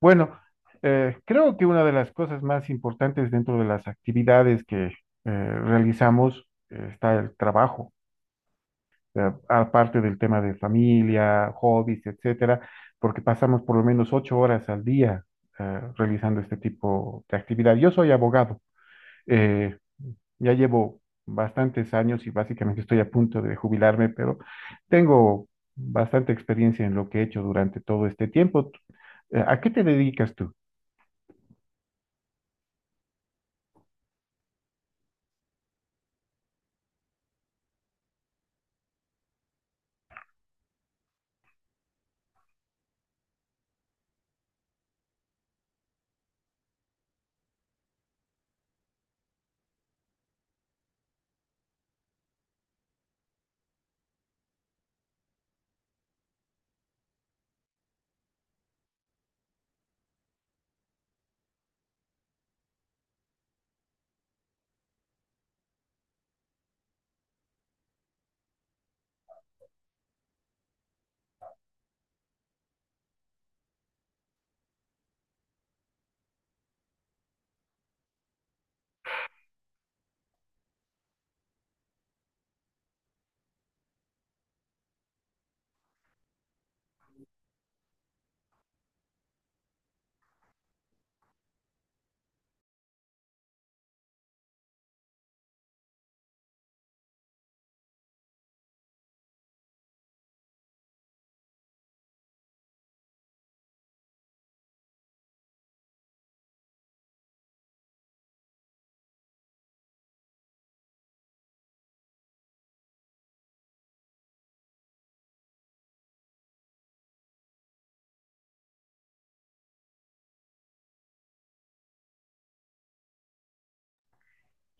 Bueno, creo que una de las cosas más importantes dentro de las actividades que realizamos está el trabajo, aparte del tema de familia, hobbies, etcétera, porque pasamos por lo menos 8 horas al día realizando este tipo de actividad. Yo soy abogado, eh, ya llevo bastantes años y básicamente estoy a punto de jubilarme, pero tengo bastante experiencia en lo que he hecho durante todo este tiempo. ¿A qué te dedicas tú?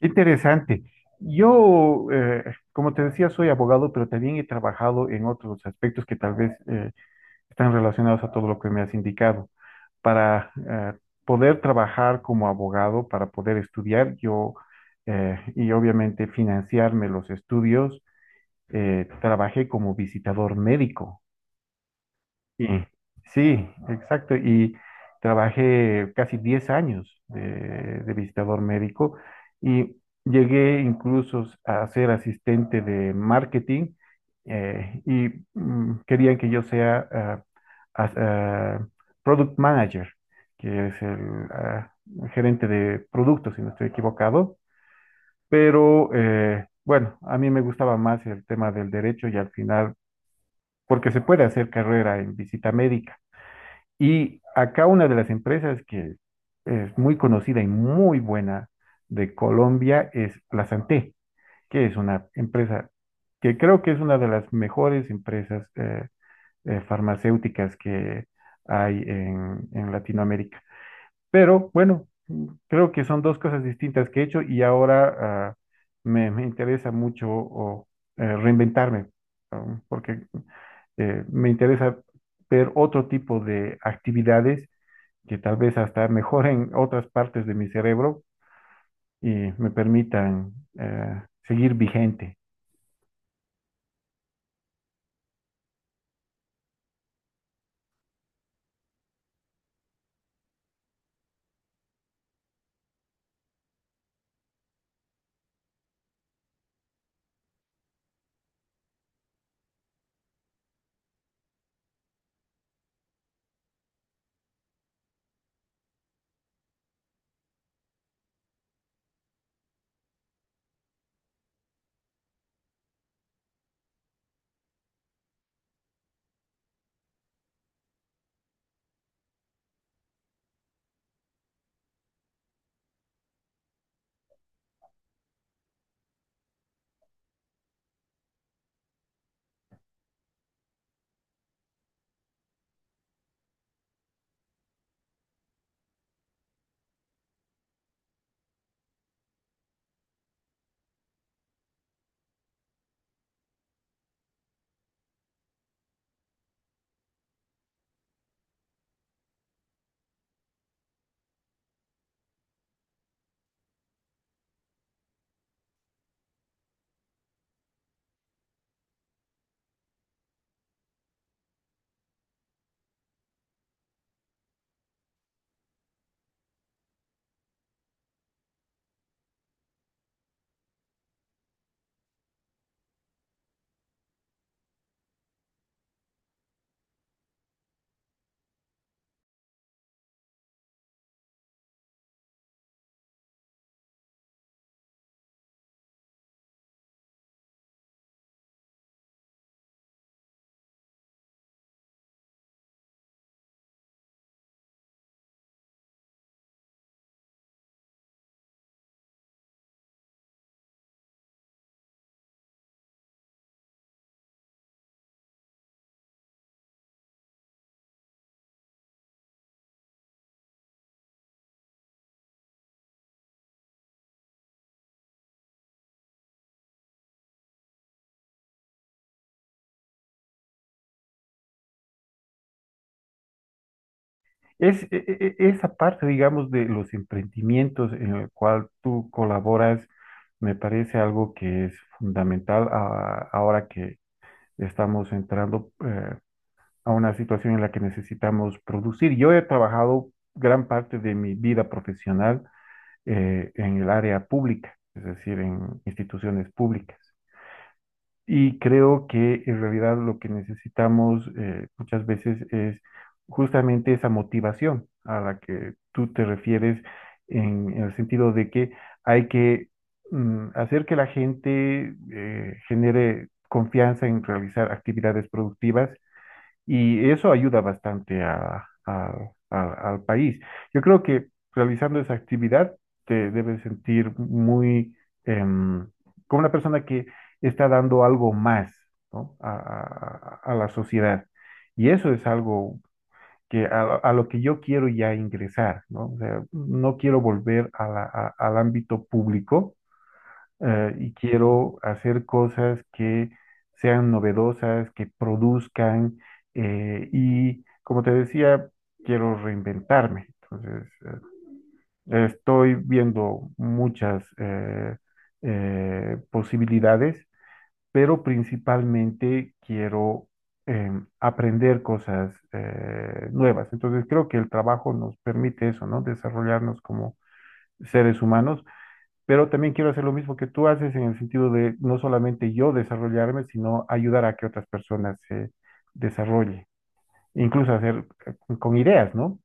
Qué interesante. Yo, como te decía, soy abogado, pero también he trabajado en otros aspectos que tal vez están relacionados a todo lo que me has indicado. Para poder trabajar como abogado, para poder estudiar, yo y obviamente financiarme los estudios, trabajé como visitador médico. Sí, sí, exacto. Y trabajé casi 10 años de visitador médico y llegué incluso a ser asistente de marketing y querían que yo sea as- ah, product manager, que es el gerente de productos, si no estoy equivocado. Pero bueno, a mí me gustaba más el tema del derecho y al final, porque se puede hacer carrera en visita médica. Y acá una de las empresas que es muy conocida y muy buena de Colombia es la Santé, que es una empresa que creo que es una de las mejores empresas farmacéuticas que hay en Latinoamérica. Pero bueno, creo que son dos cosas distintas que he hecho y ahora me interesa mucho reinventarme, porque me interesa ver otro tipo de actividades que tal vez hasta mejoren otras partes de mi cerebro y me permitan seguir vigente. Es esa parte, digamos, de los emprendimientos en el cual tú colaboras, me parece algo que es fundamental ahora que estamos entrando a una situación en la que necesitamos producir. Yo he trabajado gran parte de mi vida profesional en el área pública, es decir, en instituciones públicas. Y creo que en realidad lo que necesitamos muchas veces es justamente esa motivación a la que tú te refieres en el sentido de que hay que hacer que la gente genere confianza en realizar actividades productivas y eso ayuda bastante al país. Yo creo que realizando esa actividad te debes sentir muy em, como una persona que está dando algo más, ¿no?, a la sociedad. Y eso es algo que a lo que yo quiero ya ingresar, ¿no? O sea, no quiero volver al ámbito público y quiero hacer cosas que sean novedosas, que produzcan y, como te decía, quiero reinventarme. Entonces, estoy viendo muchas posibilidades, pero principalmente quiero aprender cosas nuevas. Entonces, creo que el trabajo nos permite eso, ¿no? Desarrollarnos como seres humanos, pero también quiero hacer lo mismo que tú haces en el sentido de no solamente yo desarrollarme, sino ayudar a que otras personas se desarrollen, incluso hacer con ideas, ¿no?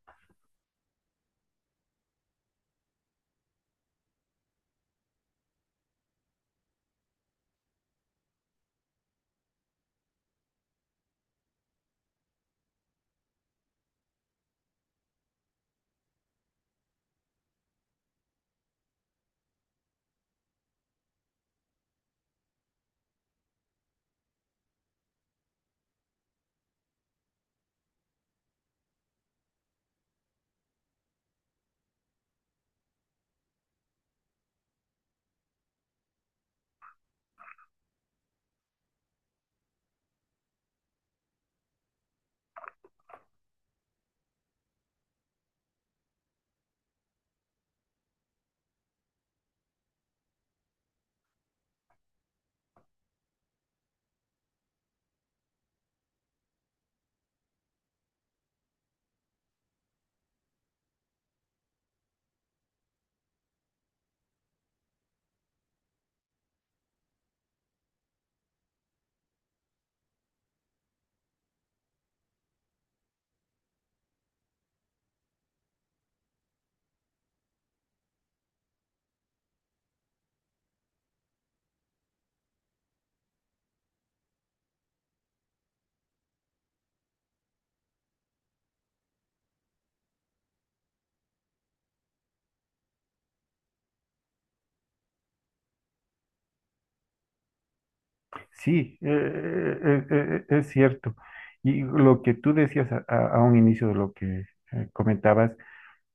Sí, es cierto. Y lo que tú decías a un inicio de lo que comentabas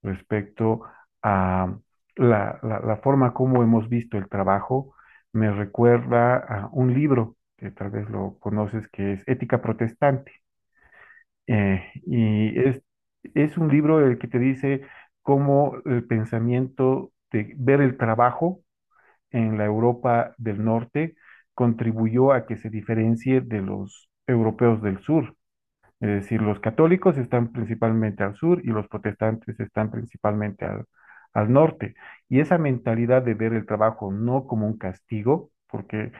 respecto a la forma como hemos visto el trabajo, me recuerda a un libro que tal vez lo conoces, que es Ética Protestante. Y es un libro el que te dice cómo el pensamiento de ver el trabajo en la Europa del Norte contribuyó a que se diferencie de los europeos del sur. Es decir, los católicos están principalmente al sur y los protestantes están principalmente al norte. Y esa mentalidad de ver el trabajo no como un castigo, porque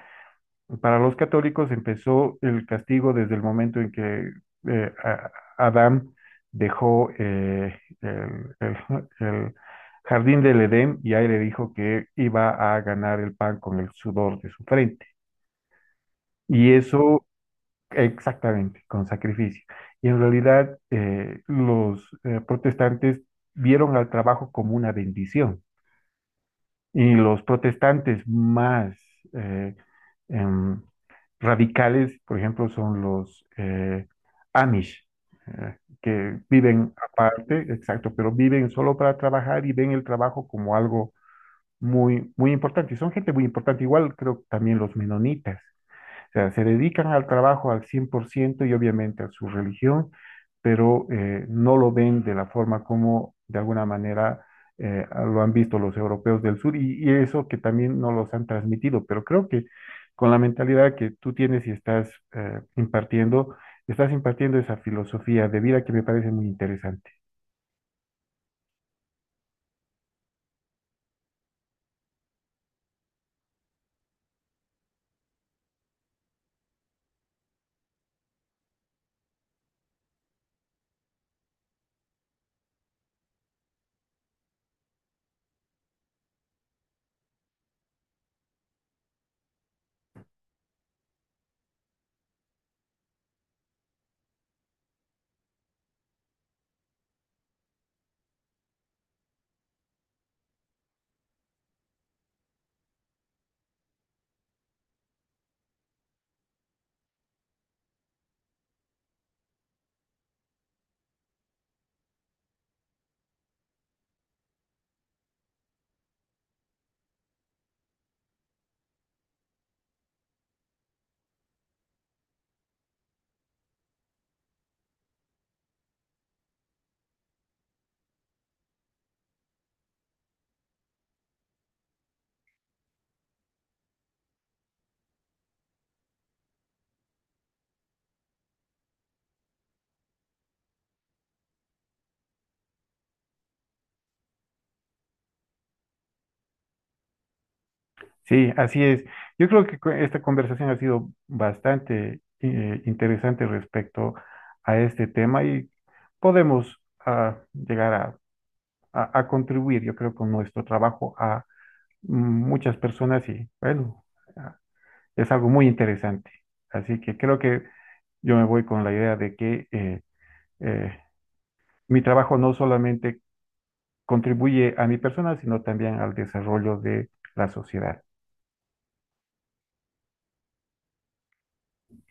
para los católicos empezó el castigo desde el momento en que eh, a- Adán dejó el jardín del Edén y ahí le dijo que iba a ganar el pan con el sudor de su frente. Y eso exactamente, con sacrificio. Y en realidad los protestantes vieron al trabajo como una bendición. Y los protestantes más eh, em, radicales, por ejemplo, son los Amish, que viven aparte, exacto, pero viven solo para trabajar y ven el trabajo como algo muy, muy importante. Y son gente muy importante, igual creo que también los menonitas. O sea, se dedican al trabajo al 100% y obviamente a su religión, pero no lo ven de la forma como de alguna manera lo han visto los europeos del sur y eso que también no los han transmitido. Pero creo que con la mentalidad que tú tienes y estás impartiendo, estás impartiendo esa filosofía de vida que me parece muy interesante. Sí, así es. Yo creo que esta conversación ha sido bastante interesante respecto a este tema y podemos llegar a contribuir, yo creo, con nuestro trabajo a mm, muchas personas y bueno, ah, es algo muy interesante. Así que creo que yo me voy con la idea de que eh, mi trabajo no solamente contribuye a mi persona, sino también al desarrollo de la sociedad.